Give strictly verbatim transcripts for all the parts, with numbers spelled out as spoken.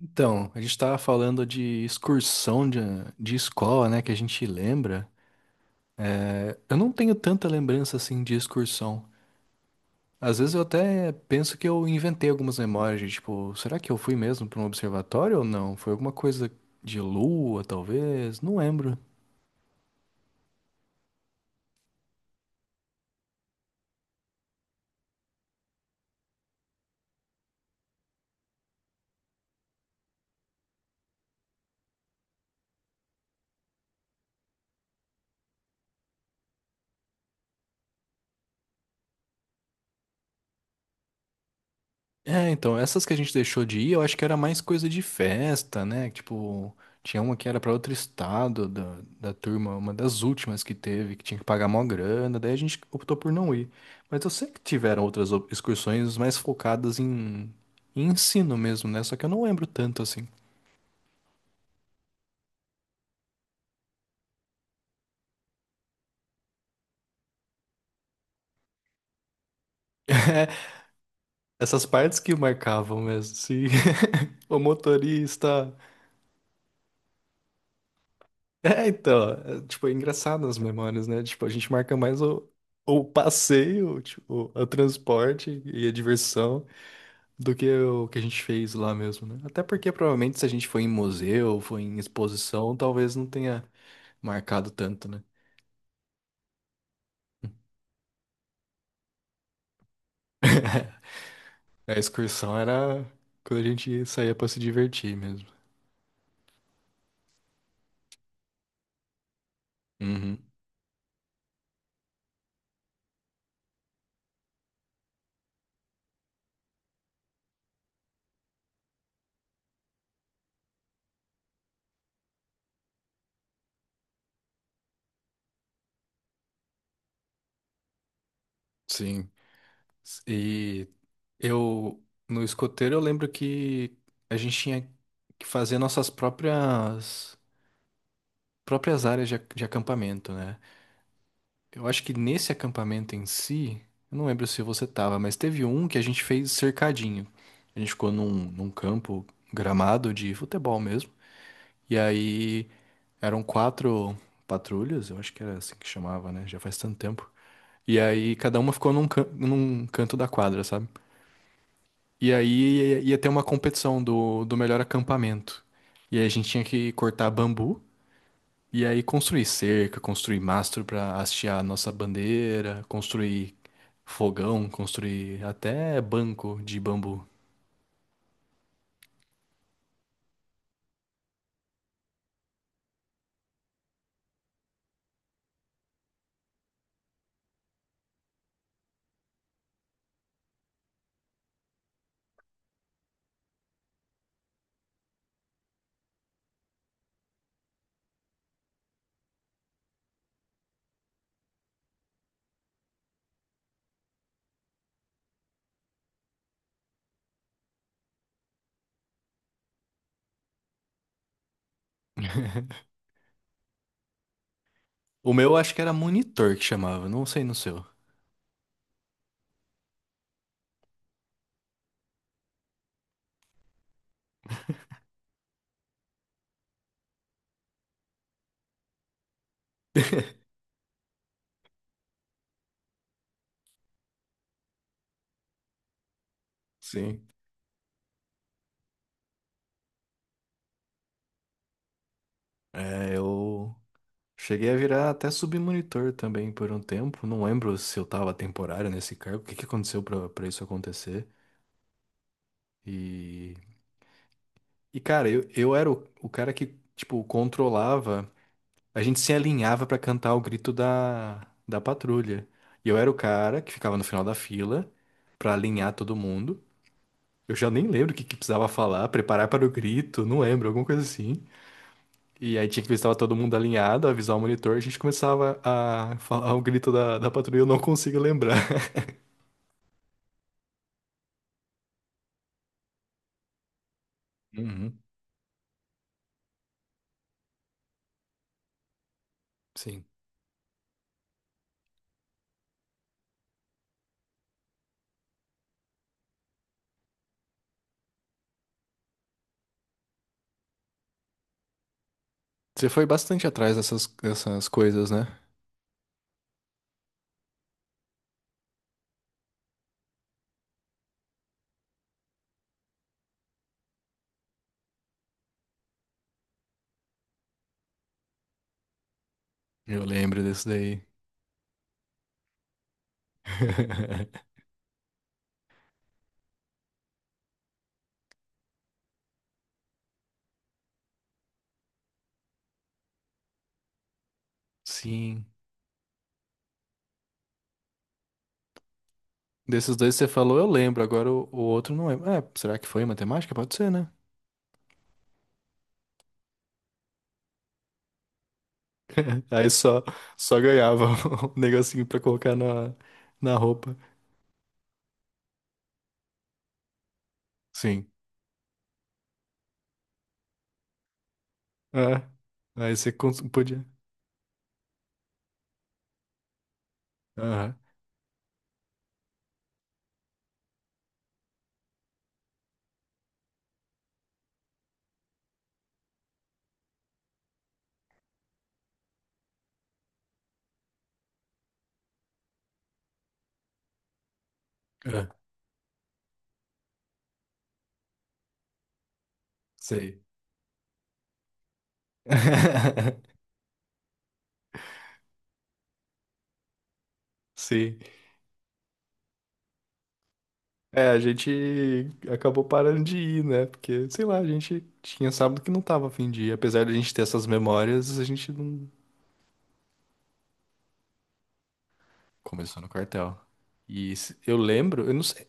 Então, a gente estava falando de excursão de, de escola, né, que a gente lembra. É, eu não tenho tanta lembrança assim de excursão. Às vezes eu até penso que eu inventei algumas memórias, de, tipo, será que eu fui mesmo para um observatório ou não? Foi alguma coisa de lua, talvez? Não lembro. É, então, essas que a gente deixou de ir, eu acho que era mais coisa de festa, né? Tipo, tinha uma que era pra outro estado da, da turma, uma das últimas que teve, que tinha que pagar mó grana, daí a gente optou por não ir. Mas eu sei que tiveram outras op- excursões mais focadas em, em ensino mesmo, né? Só que eu não lembro tanto assim. Essas partes que marcavam mesmo, se o motorista. É, então, é, tipo, é engraçado as memórias, né? Tipo, a gente marca mais o, o passeio, tipo, o transporte e a diversão do que o que a gente fez lá mesmo, né? Até porque provavelmente se a gente foi em museu, foi em exposição, talvez não tenha marcado tanto, né? A excursão era quando a gente saía pra se divertir mesmo. Uhum, sim. E eu, no escoteiro, eu lembro que a gente tinha que fazer nossas próprias. próprias áreas de, ac- de acampamento, né? Eu acho que nesse acampamento em si, eu não lembro se você tava, mas teve um que a gente fez cercadinho. A gente ficou num, num campo gramado de futebol mesmo. E aí eram quatro patrulhas, eu acho que era assim que chamava, né? Já faz tanto tempo. E aí cada uma ficou num, can- num canto da quadra, sabe? E aí ia, ia ter uma competição do, do melhor acampamento. E aí a gente tinha que cortar bambu. E aí construir cerca, construir mastro para hastear a nossa bandeira, construir fogão, construir até banco de bambu. O meu acho que era monitor que chamava, não sei no seu. Sim. É, eu cheguei a virar até submonitor também por um tempo. Não lembro se eu tava temporário nesse cargo, o que que aconteceu pra, pra isso acontecer. E, e cara, eu, eu era o, o cara que, tipo, controlava. A gente se alinhava pra cantar o grito da, da patrulha. E eu era o cara que ficava no final da fila pra alinhar todo mundo. Eu já nem lembro o que, que precisava falar, preparar para o grito, não lembro, alguma coisa assim. E aí tinha que ver se estava todo mundo alinhado, avisar o monitor, a gente começava a falar o grito da, da patrulha, eu não consigo lembrar. Uhum, sim. Você foi bastante atrás dessas, dessas coisas, né? Eu lembro desse daí. Sim. Desses dois que você falou, eu lembro. Agora o, o outro não lembro. É, será que foi matemática? Pode ser, né? Aí só, só ganhava o negocinho pra colocar na, na roupa. Sim. É. Aí você cons- podia. Aham. É. Sei. Sim. É, a gente acabou parando de ir, né? Porque, sei lá, a gente tinha sábado que não tava a fim de ir. Apesar de a gente ter essas memórias, a gente não começou no quartel. E se- eu lembro, eu não sei.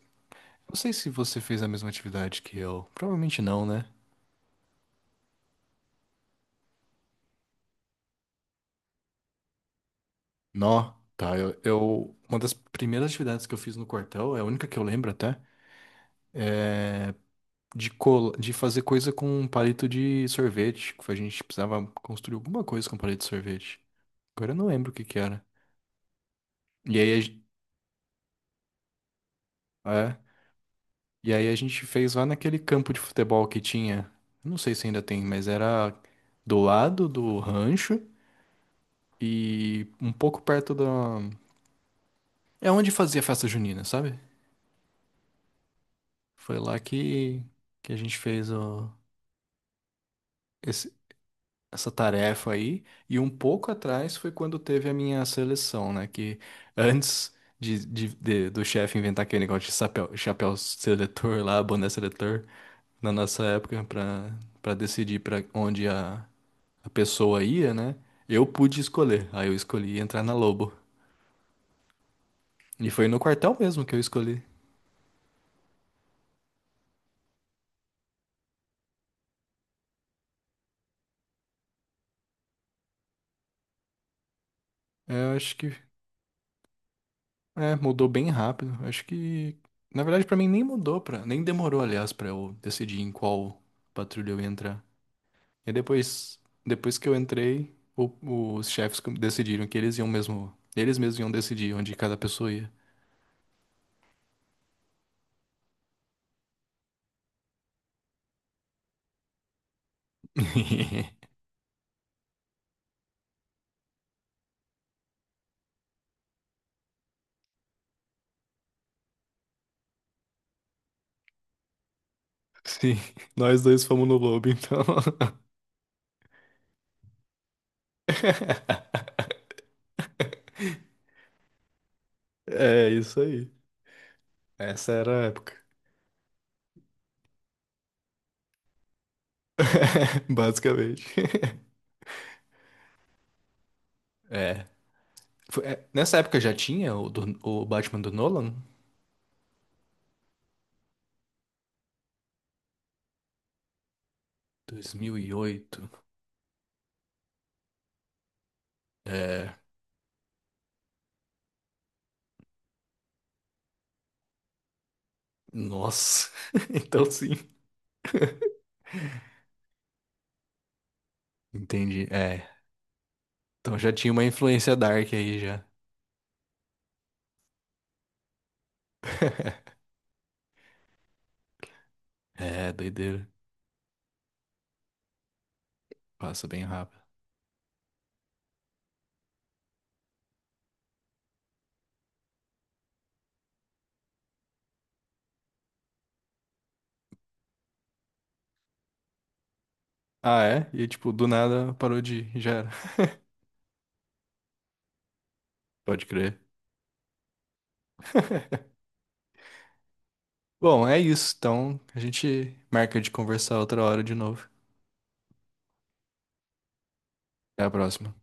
Não sei se você fez a mesma atividade que eu. Provavelmente não, né? Nó, tá. Eu, eu- uma das primeiras atividades que eu fiz no quartel, é a única que eu lembro até, de, col de fazer coisa com um palito de sorvete. Que A gente precisava construir alguma coisa com palito de sorvete. Agora eu não lembro o que que era. E aí a, gen- é, e aí a gente fez lá naquele campo de futebol que tinha. Eu Não sei se ainda tem, mas era do lado do rancho e um pouco perto da. É onde fazia festa junina, sabe? Foi lá que, que a gente fez o, esse- essa tarefa aí. E um pouco atrás foi quando teve a minha seleção, né? Que antes de, de- de- do chefe inventar aquele negócio de chapéu, chapéu seletor lá, boné seletor, na nossa época, para para decidir para onde a, a pessoa ia, né? Eu pude escolher. Aí eu escolhi entrar na Lobo. E foi no quartel mesmo que eu escolhi. É, Eu acho que É, mudou bem rápido. Acho que, na verdade, pra mim nem mudou para, nem demorou, aliás, pra eu decidir em qual patrulha eu ia entrar. E depois, depois que eu entrei, o- os chefes com- decidiram que eles iam mesmo, eles mesmos iam decidir onde cada pessoa ia. Sim, nós dois fomos no lobo, então. É isso aí. Essa era a época. Basicamente. É. Foi- é, Nessa época já tinha o, do- o Batman do Nolan? dois mil e oito, é. Nossa. Então sim. Entendi. É. Então já tinha uma influência dark aí já. É, doideira. Passa bem rápido. Ah, é? E tipo, do nada parou de ir, já era. Pode crer. Bom, é isso. Então a gente marca de conversar outra hora de novo. Até a próxima.